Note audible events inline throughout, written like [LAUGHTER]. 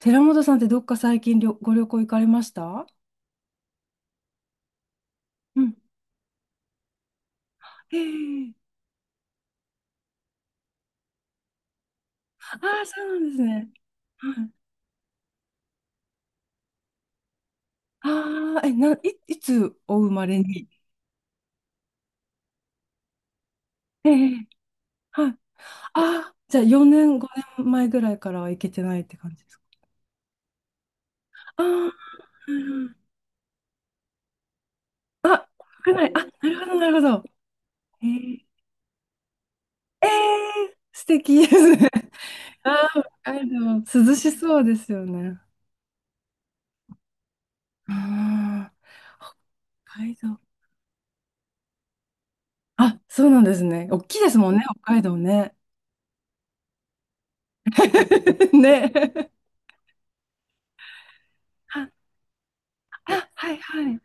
寺本さんってどっか最近旅ご旅行行かれました？うん。ええ、ああー、そうなんですね。はい。ああ、え、な、い、いつお生まれに？ええ、はい。ああ、じゃあ4年、5年前ぐらいからは行けてないって感じですか？ああ、うん、あ、国内、あ、なるほど、なるほど。ええ、ええ、素敵ですね。ああ、北海道、涼しそうですよね。ああ、北海道。あ、そうなんですね。大きいですもんね、北海道ね。[LAUGHS] ね。あ、はいはい。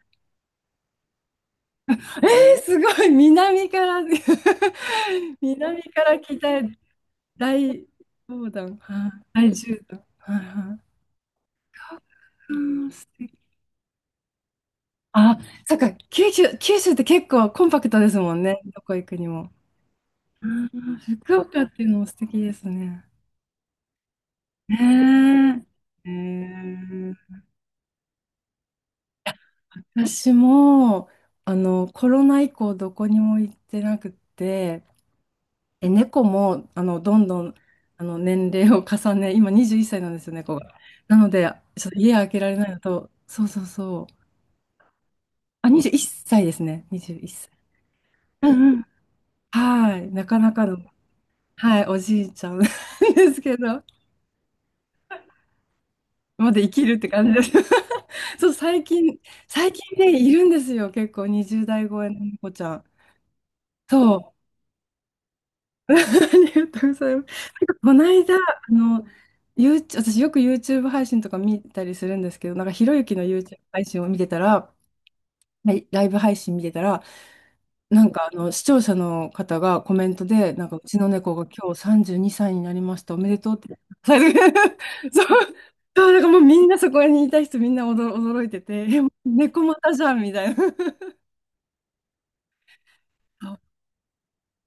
えー、すごい。南から [LAUGHS] 南から北へ大横断。はい、大縦断。はいはい。うん、素敵、あ、そっか。九州、九州って結構コンパクトですもんね。どこ行くにも。うん、福岡っていうのも素敵ですね。ねえ。え、私も、コロナ以降どこにも行ってなくて、え、猫も、あの、どんどん、あの、年齢を重ね、今21歳なんですよ、猫が。なので、ちょっと家開けられないのと、そうそうそう。あ、21歳ですね。21歳。うんうん。はい。なかなかの、はい、おじいちゃん [LAUGHS] ですけど、まだ生きるって感じです。[LAUGHS] そう、最近、最近ね、いるんですよ。結構20代超えの猫ちゃん。そう。[LAUGHS] ありがとうございます。この間、ユーチューブ私よく YouTube 配信とか見たりするんですけど、なんかひろゆきの YouTube 配信を見てたら、はい、ライブ配信見てたら、なんかあの視聴者の方がコメントで、なんかうちの猫が今日32歳にさいになりました、おめでとうって。[LAUGHS] そう、そう、なんかもうみんなそこにいた人みんな驚、驚いてて、え、猫またじゃんみたいな。[LAUGHS] そう、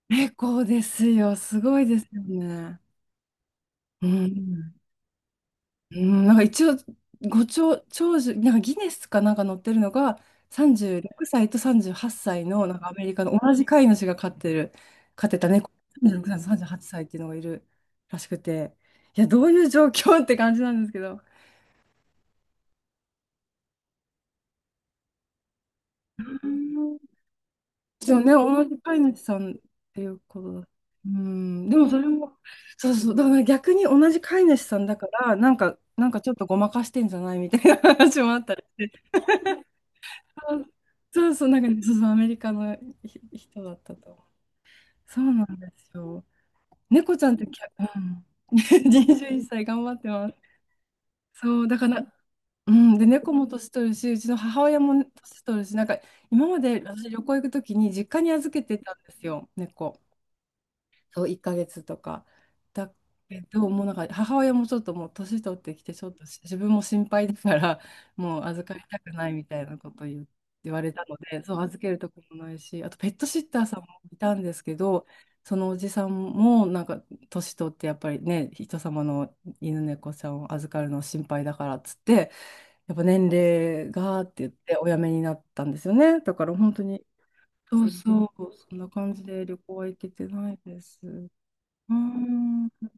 猫ですよ、すごいですよね。うん。うん、なんか一応、ご長、長寿、なんかギネスかなんか載ってるのが、36歳と38歳の、なんかアメリカの同じ飼い主が飼ってる、飼ってた猫、36歳と38歳っさいっていうのがいるらしくて、いや、どういう状況って感じなんですけど、うん、でもね、同じ飼い主さんっていうことだ。うん、でもそれも、そうそう、だからね、逆に同じ飼い主さんだから、なんか、なんかちょっとごまかしてんじゃないみたいな話もあったり。そうそうそう、なんかね、そうそう、アメリカのひ人だったと思う。そうなんですよ。猫ちゃんってきゃ、うん、[LAUGHS] 21歳頑張ってます。そう、だから、うん、で、猫も年取るし、うちの母親も年取るし、なんか今まで私旅行行くときに実家に預けてたんですよ、猫。そう、1ヶ月とか。だけど、もうなんか母親もちょっともう年取ってきて、ちょっと自分も心配だから、[LAUGHS] もう預かりたくないみたいなこと言う言われたので、そう、預けるとこもないし、あとペットシッターさんもいたんですけど、そのおじさんもなんか年取ってやっぱりね、人様の犬猫ちゃんを預かるの心配だからっつって、やっぱ年齢がって言ってお辞めになったんですよね。だから本当に、そうそう、そんな感じで旅行は行けてないです。うーん。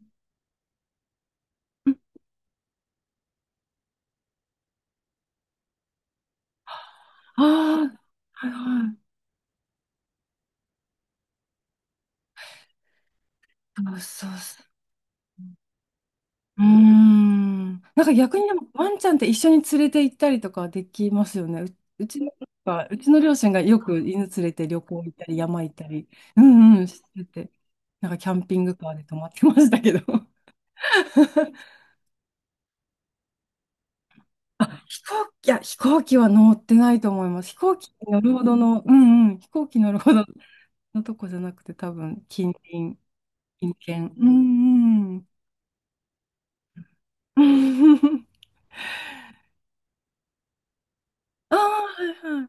ああ、はいはい。楽しそうっす。うーん。なんか逆にでもワンちゃんって一緒に連れて行ったりとかできますよね。う、うちの、なんかうちの両親がよく犬連れて旅行行ったり山行ったり、うんうんしてて、なんかキャンピングカーで泊まってましたけど。[LAUGHS] あ、飛行機、いや、飛行機は乗ってないと思います。飛行機に乗るほどの、うんうん、飛行機乗るほどのとこじゃなくて、多分近隣、近県。うんうん。[LAUGHS] ああ、はいはい。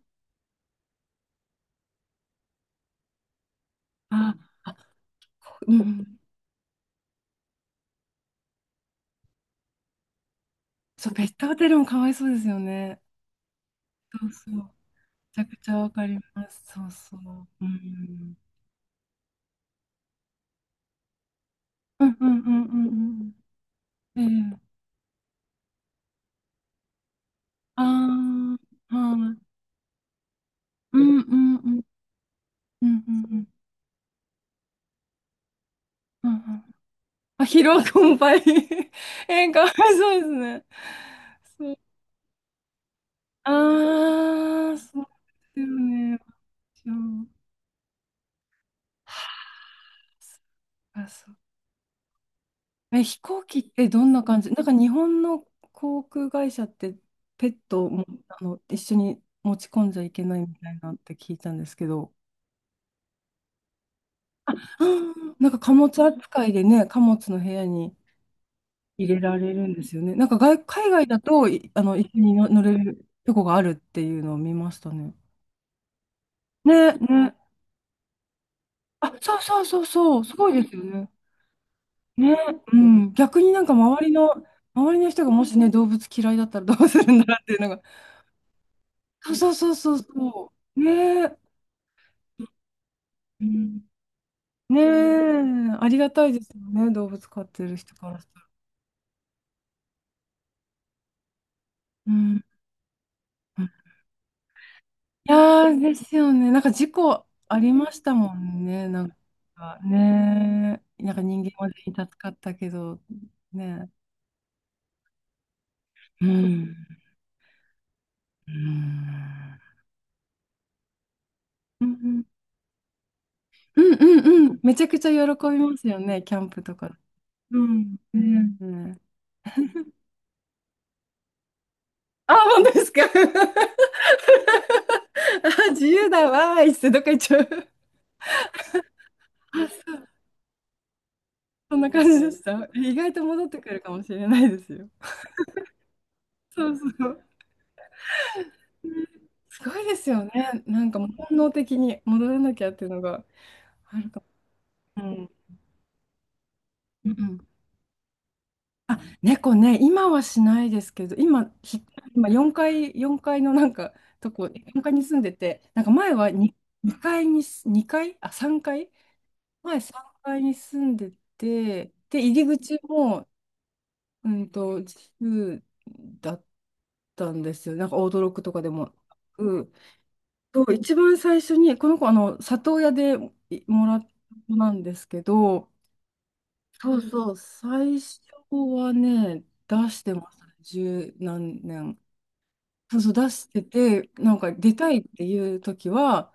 あ、あ、こう、うん。そう、ベッドホテルもかわいそうですよね。そうそう。めちゃくちゃわかります。そうそう。うん。うんうんうんうんうん。ええ。ああ、はい。うんうんうん。うんうんうん。うんうん。あ、疲労困憊。[LAUGHS] ええ、かわいそうですね。そう。ああ、そうですよね。そう。はあ、そっか、そっか、え、飛行機ってどんな感じなんか日本の航空会社ってペットもあの一緒に持ち込んじゃいけないみたいなって聞いたんですけど、うん、なんか貨物扱いでね、貨物の部屋に入れられるんですよね。なんか外、海外だといあの一緒にの乗れるとこがあるっていうのを見ましたね。ね、ね。あ、そうそうそうそう、すごいですよね。ね、うん。逆になんか周りの、周りの人がもしね、動物嫌いだったらどうするんだろうっていうのが。そうそうそうそうそう。ねえ、うん、ねえ、ありがたいですよね、動物飼ってる人からしたら。うん。うん、いやー、ですよね。なんか事故ありましたもんね、なんか、ねえ、なんか人間は全員助かったけど、ねえ。うん。うん。うんうんうんうん。めちゃくちゃ喜びますよね、キャンプとか。うん。ねえ。あ、本当ですか？[LAUGHS] あ、自由だわーいっつってどっか行っちゃう。あ、そう、そんな感じでした。[LAUGHS] 意外と戻ってくるかもしれないですよ。そうそう。すごいですよね。なんかもう本能的に戻らなきゃっていうのがあるかも。うんうん、猫ね、今はしないですけど、今、ひ今4階、4階のなんかとこ、よんかいに住んでて、なんか前はに2階に、2階、あ、3階前3階に住んでて、で、入り口もうんと、10だったんですよ。なんか驚くとかでも。うん。と、一番最初に、この子、里親でいもらった子なんですけど、そうそう、最初はね、出してましたね。十何年。そうそう、出してて、なんか出たいっていう時は、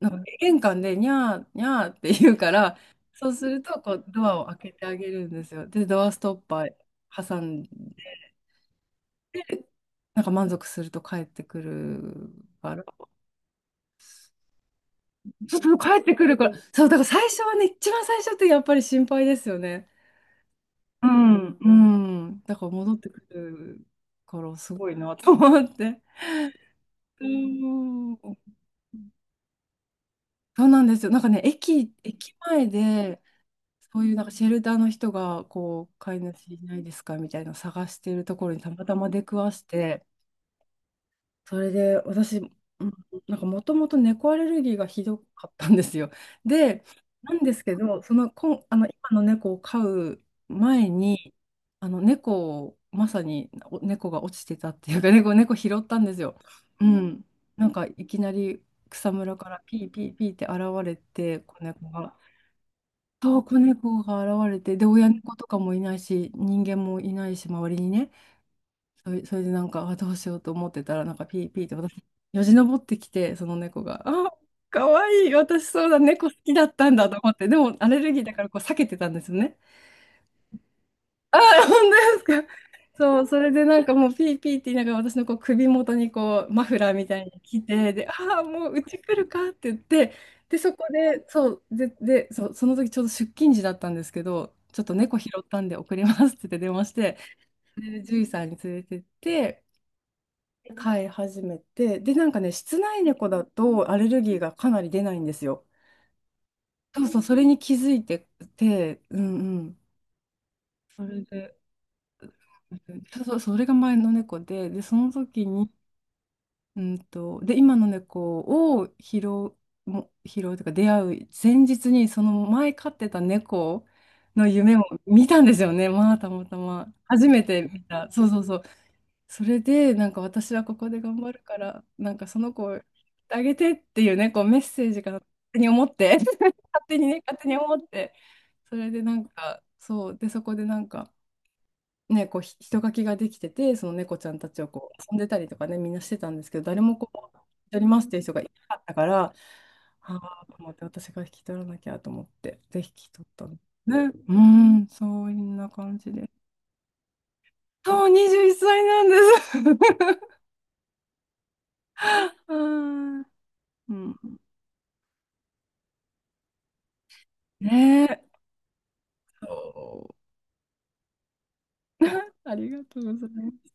なんか玄関でにゃーにゃーって言うから、そうすると、こう、ドアを開けてあげるんですよ。で、ドアストッパー挟んなんか満足すると帰ってくるから、ちょっと帰ってくるから、そう、だから最初はね、一番最初ってやっぱり心配ですよね。うん、うん、だから戻ってくるからすごいなと思って。うん、そうなんですよ。なんかね、駅、駅前で、そういうなんかシェルターの人が、こう、飼い主いないですかみたいなのを探してるところにたまたま出くわして、それで私、うん、なんかもともと猫アレルギーがひどかったんですよ。で、なんですけど、その、こん、あの今の猫を飼う前に、あの猫を、まさにお猫が落ちてたっていうか、[LAUGHS] 猫、猫拾ったんですよ。うん。なんかいきなり草むらからピーピーピーって現れて、子猫が。そう、子猫が現れて、で、親猫とかもいないし、人間もいないし、周りにね。それ、それでなんか、あ、どうしようと思ってたら、なんかピーピーって私、よじ登ってきて、その猫が、あ、かわいい、私そうだ、猫好きだったんだと思って、でもアレルギーだからこう避けてたんですよね。あ、本当ですか？[LAUGHS] そう、それでなんかもうピーピーって言いながら私のこう首元にこうマフラーみたいに来て、で、ああ、もううち来るかって言って、で、そこで、そう、で、で、そう、その時ちょうど出勤時だったんですけど、ちょっと猫拾ったんで送りますって言って電話して、で獣医さんに連れてって、飼い始めて、で、なんかね、室内猫だとアレルギーがかなり出ないんですよ。そうそう、それに気づいてて、うんうん。それで、うん、そうそう、それが前の猫で、で、その時に、うんと、で、今の猫を拾う、も拾うというか、出会う前日に、その前飼ってた猫の夢を見たんですよね、まあ、たまたま。初めて見た。そうそうそう。それで、なんか私はここで頑張るから、なんかその子をあげてっていうね、こうメッセージが勝手に思って、[LAUGHS] 勝手にね、勝手に思って、それでなんか、そう、で、そこでなんか、ね、こうひ人垣ができてて、その猫ちゃんたちをこう遊んでたりとかね、みんなしてたんですけど、誰もこう、引き取りますっていう人がいなかったから、ああ、と思って、私が引き取らなきゃと思って、で、引き取ったの。ね、うーん、そんな感じで。そう、21歳なんです。[LAUGHS] うん。うん、ねえ。そう、ありがとうございます。